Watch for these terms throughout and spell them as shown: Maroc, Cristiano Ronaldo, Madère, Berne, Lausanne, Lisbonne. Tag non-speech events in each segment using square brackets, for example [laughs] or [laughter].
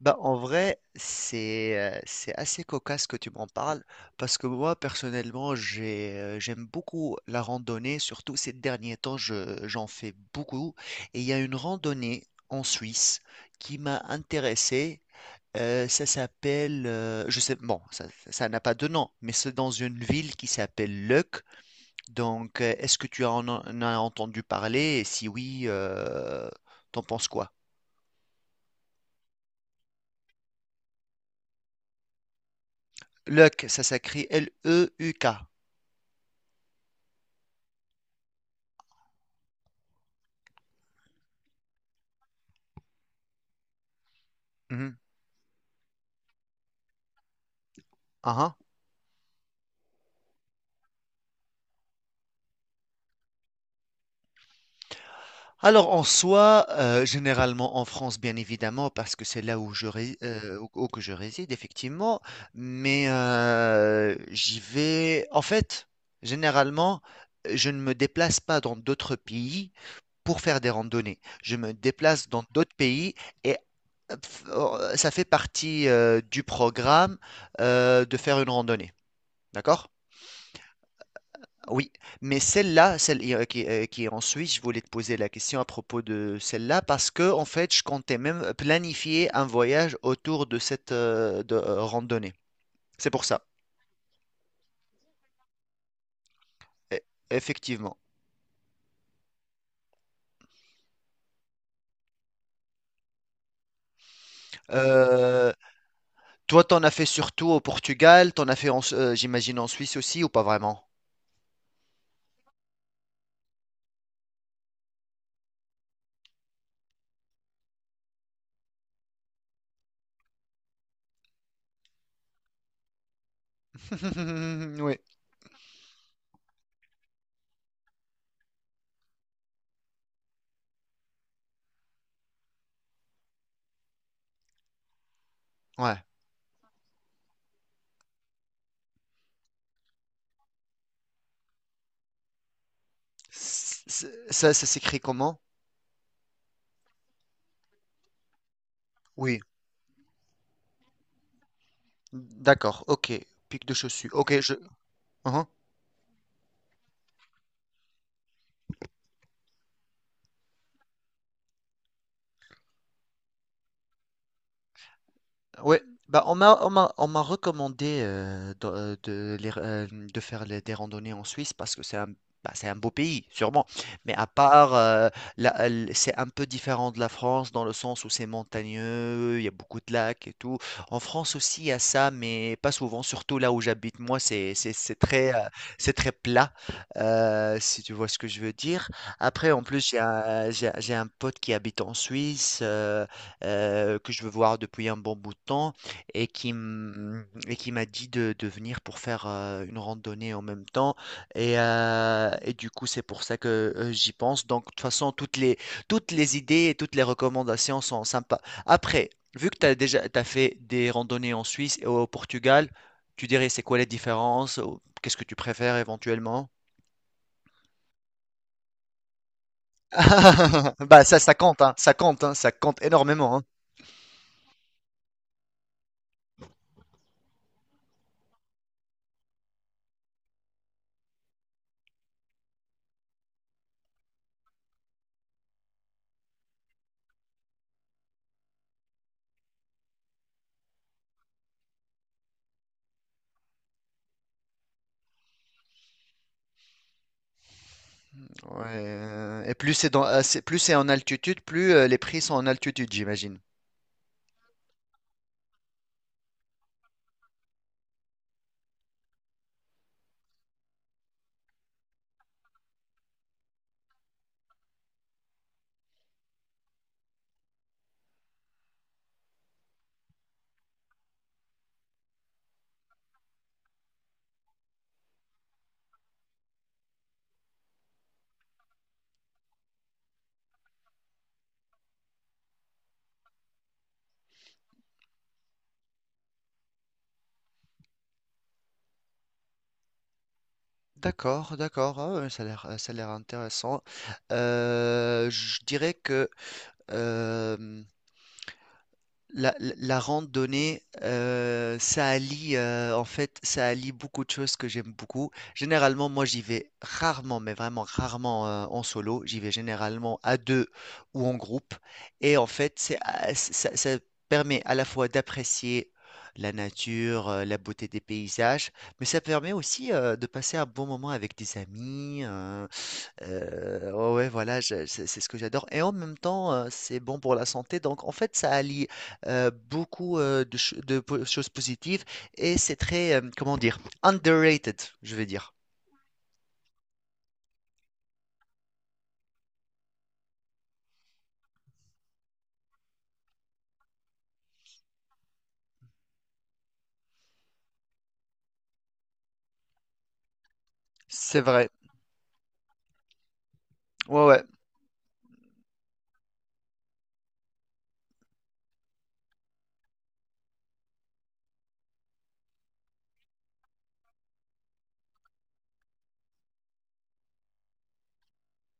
Bah, en vrai, c'est assez cocasse que tu m'en parles parce que moi, personnellement, j'aime beaucoup la randonnée. Surtout ces derniers temps, j'en fais beaucoup. Et il y a une randonnée en Suisse qui m'a intéressé. Ça s'appelle, je sais, bon, ça n'a pas de nom, mais c'est dans une ville qui s'appelle Leuc. Donc, est-ce que en as entendu parler? Et si oui, t'en penses quoi? Leuc, ça s'écrit Leuk. Ah, ah. Alors en soi, généralement en France, bien évidemment, parce que c'est là où où que je réside, effectivement, mais j'y vais. En fait, généralement, je ne me déplace pas dans d'autres pays pour faire des randonnées. Je me déplace dans d'autres pays et ça fait partie du programme de faire une randonnée. D'accord? Oui, mais celle-là, celle qui est en Suisse, je voulais te poser la question à propos de celle-là parce que en fait, je comptais même planifier un voyage autour de cette randonnée. C'est pour ça, E- effectivement. Euh, toi, t'en as fait surtout au Portugal, t'en as fait, j'imagine, en Suisse aussi ou pas vraiment? [laughs] Oui, ouais. Ça, ça s'écrit comment? Oui, d'accord, ok. Pic de chaussures. Ok, je. Uh-huh. Ouais, bah on m'a recommandé de faire des randonnées en Suisse parce que c'est un, c'est un beau pays, sûrement. Mais à part c'est un peu différent de la France dans le sens où c'est montagneux, il y a beaucoup de lacs et tout. En France aussi il y a ça, mais pas souvent, surtout là où j'habite moi, c'est très c'est très plat, si tu vois ce que je veux dire. Après, en plus j'ai un pote qui habite en Suisse. Que je veux voir depuis un bon bout de temps et et qui m'a dit de venir pour faire une randonnée en même temps. Et du coup, c'est pour ça que j'y pense. Donc, de toute façon, toutes les idées et toutes les recommandations sont sympas. Après, vu que tu as déjà t'as fait des randonnées en Suisse et au Portugal, tu dirais c'est quoi les différences? Ou qu'est-ce que tu préfères éventuellement? [laughs] Bah ça, ça compte, hein, ça compte, hein, ça compte énormément, hein. Ouais, et plus plus c'est en altitude, plus les prix sont en altitude, j'imagine. D'accord, d'accord, ah ouais, ça a l'air intéressant. Je dirais que euh, la, la randonnée, ça allie, en fait, ça allie beaucoup de choses que j'aime beaucoup. Généralement, moi, j'y vais rarement, mais vraiment rarement, en solo. J'y vais généralement à deux ou en groupe. Et en fait, ça permet à la fois d'apprécier la nature, la beauté des paysages, mais ça permet aussi, de passer un bon moment avec des amis. Ouais, ouais, voilà, c'est ce que j'adore. Et en même temps, c'est bon pour la santé. Donc, en fait, ça allie beaucoup de choses positives et c'est très, comment dire, underrated, je vais dire. C'est vrai. Ouais, ouais.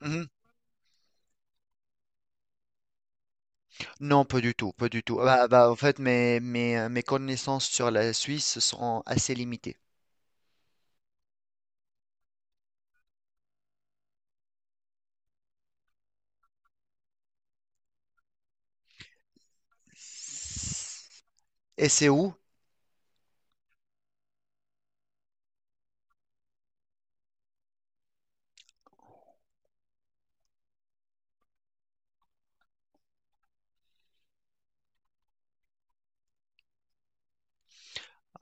Mhm. Non, pas du tout, pas du tout. Bah, bah, en fait, mes connaissances sur la Suisse sont assez limitées. Et c'est où?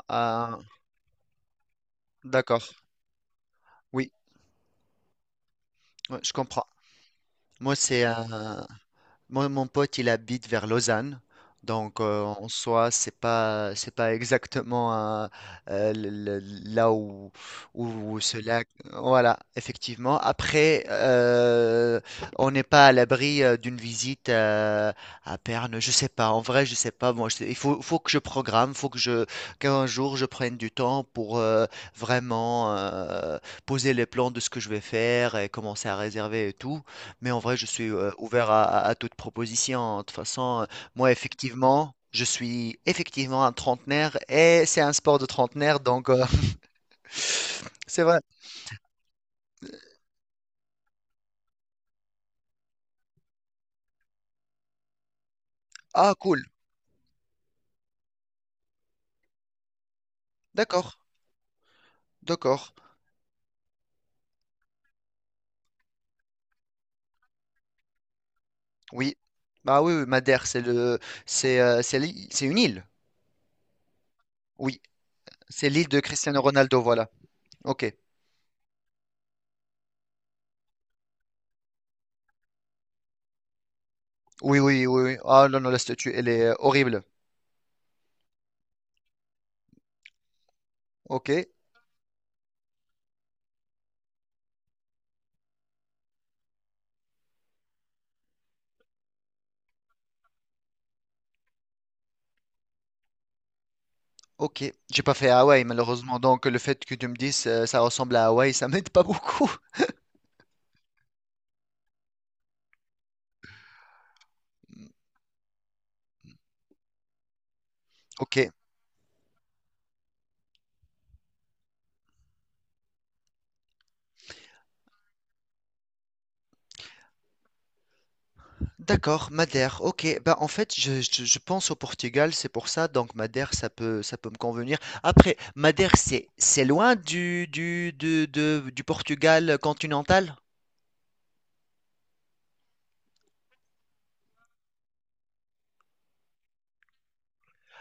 Ah, d'accord, oui, ouais, je comprends. Moi, c'est moi, mon pote, il habite vers Lausanne. Donc, en soi, c'est pas exactement euh, euh, le- le- là où, où ce lac. Voilà, effectivement. Après, on n'est pas à l'abri d'une visite à Berne. Je sais pas. En vrai, je sais pas. Moi, il faut, faut que je programme. Qu'un jour, je prenne du temps pour vraiment poser les plans de ce que je vais faire et commencer à réserver et tout. Mais en vrai, je suis ouvert à, à toute proposition. De toute façon, moi, effectivement, je suis effectivement un trentenaire et c'est un sport de trentenaire, donc [laughs] c'est vrai. Ah, cool. D'accord. D'accord. Oui. Bah oui, oui, Madère, c'est c'est une île. Oui. C'est l'île de Cristiano Ronaldo, voilà. Ok. Oui, oui, oui, oui. Ah non, non, la statue, elle est horrible. Ok. Ok, j'ai pas fait Hawaï malheureusement, donc le fait que tu me dises ça ressemble à Hawaï, ça [laughs] m'aide pas beaucoup. [laughs] Ok, d'accord, Madère, ok. Bah, en fait, je pense au Portugal, c'est pour ça, donc Madère, ça peut me convenir. Après, Madère, c'est loin du Portugal continental?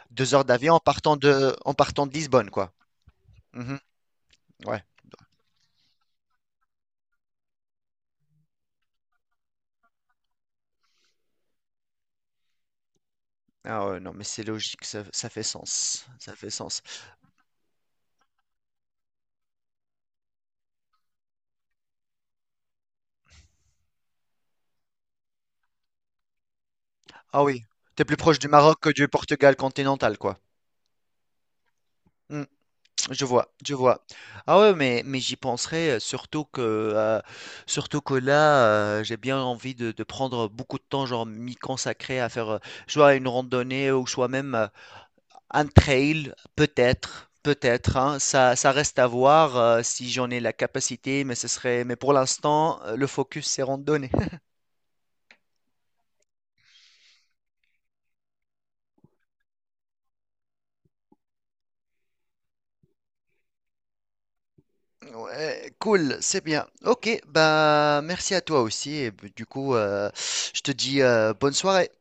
Deux heures d'avion en partant en partant de Lisbonne, quoi. Mhm, ouais. Ah ouais, non, mais c'est logique, ça fait sens. Ça fait sens. Ah oui, t'es plus proche du Maroc que du Portugal continental, quoi. Hmm. Je vois, je vois. Ah ouais, mais j'y penserai, surtout que là, j'ai bien envie de prendre beaucoup de temps, genre m'y consacrer à faire soit une randonnée ou soit même un trail, peut-être, peut-être, hein. Ça reste à voir si j'en ai la capacité, mais ce serait, mais pour l'instant, le focus c'est randonnée. [laughs] Ouais, cool, c'est bien. Ok, bah merci à toi aussi. Et bah, du coup, je te dis bonne soirée.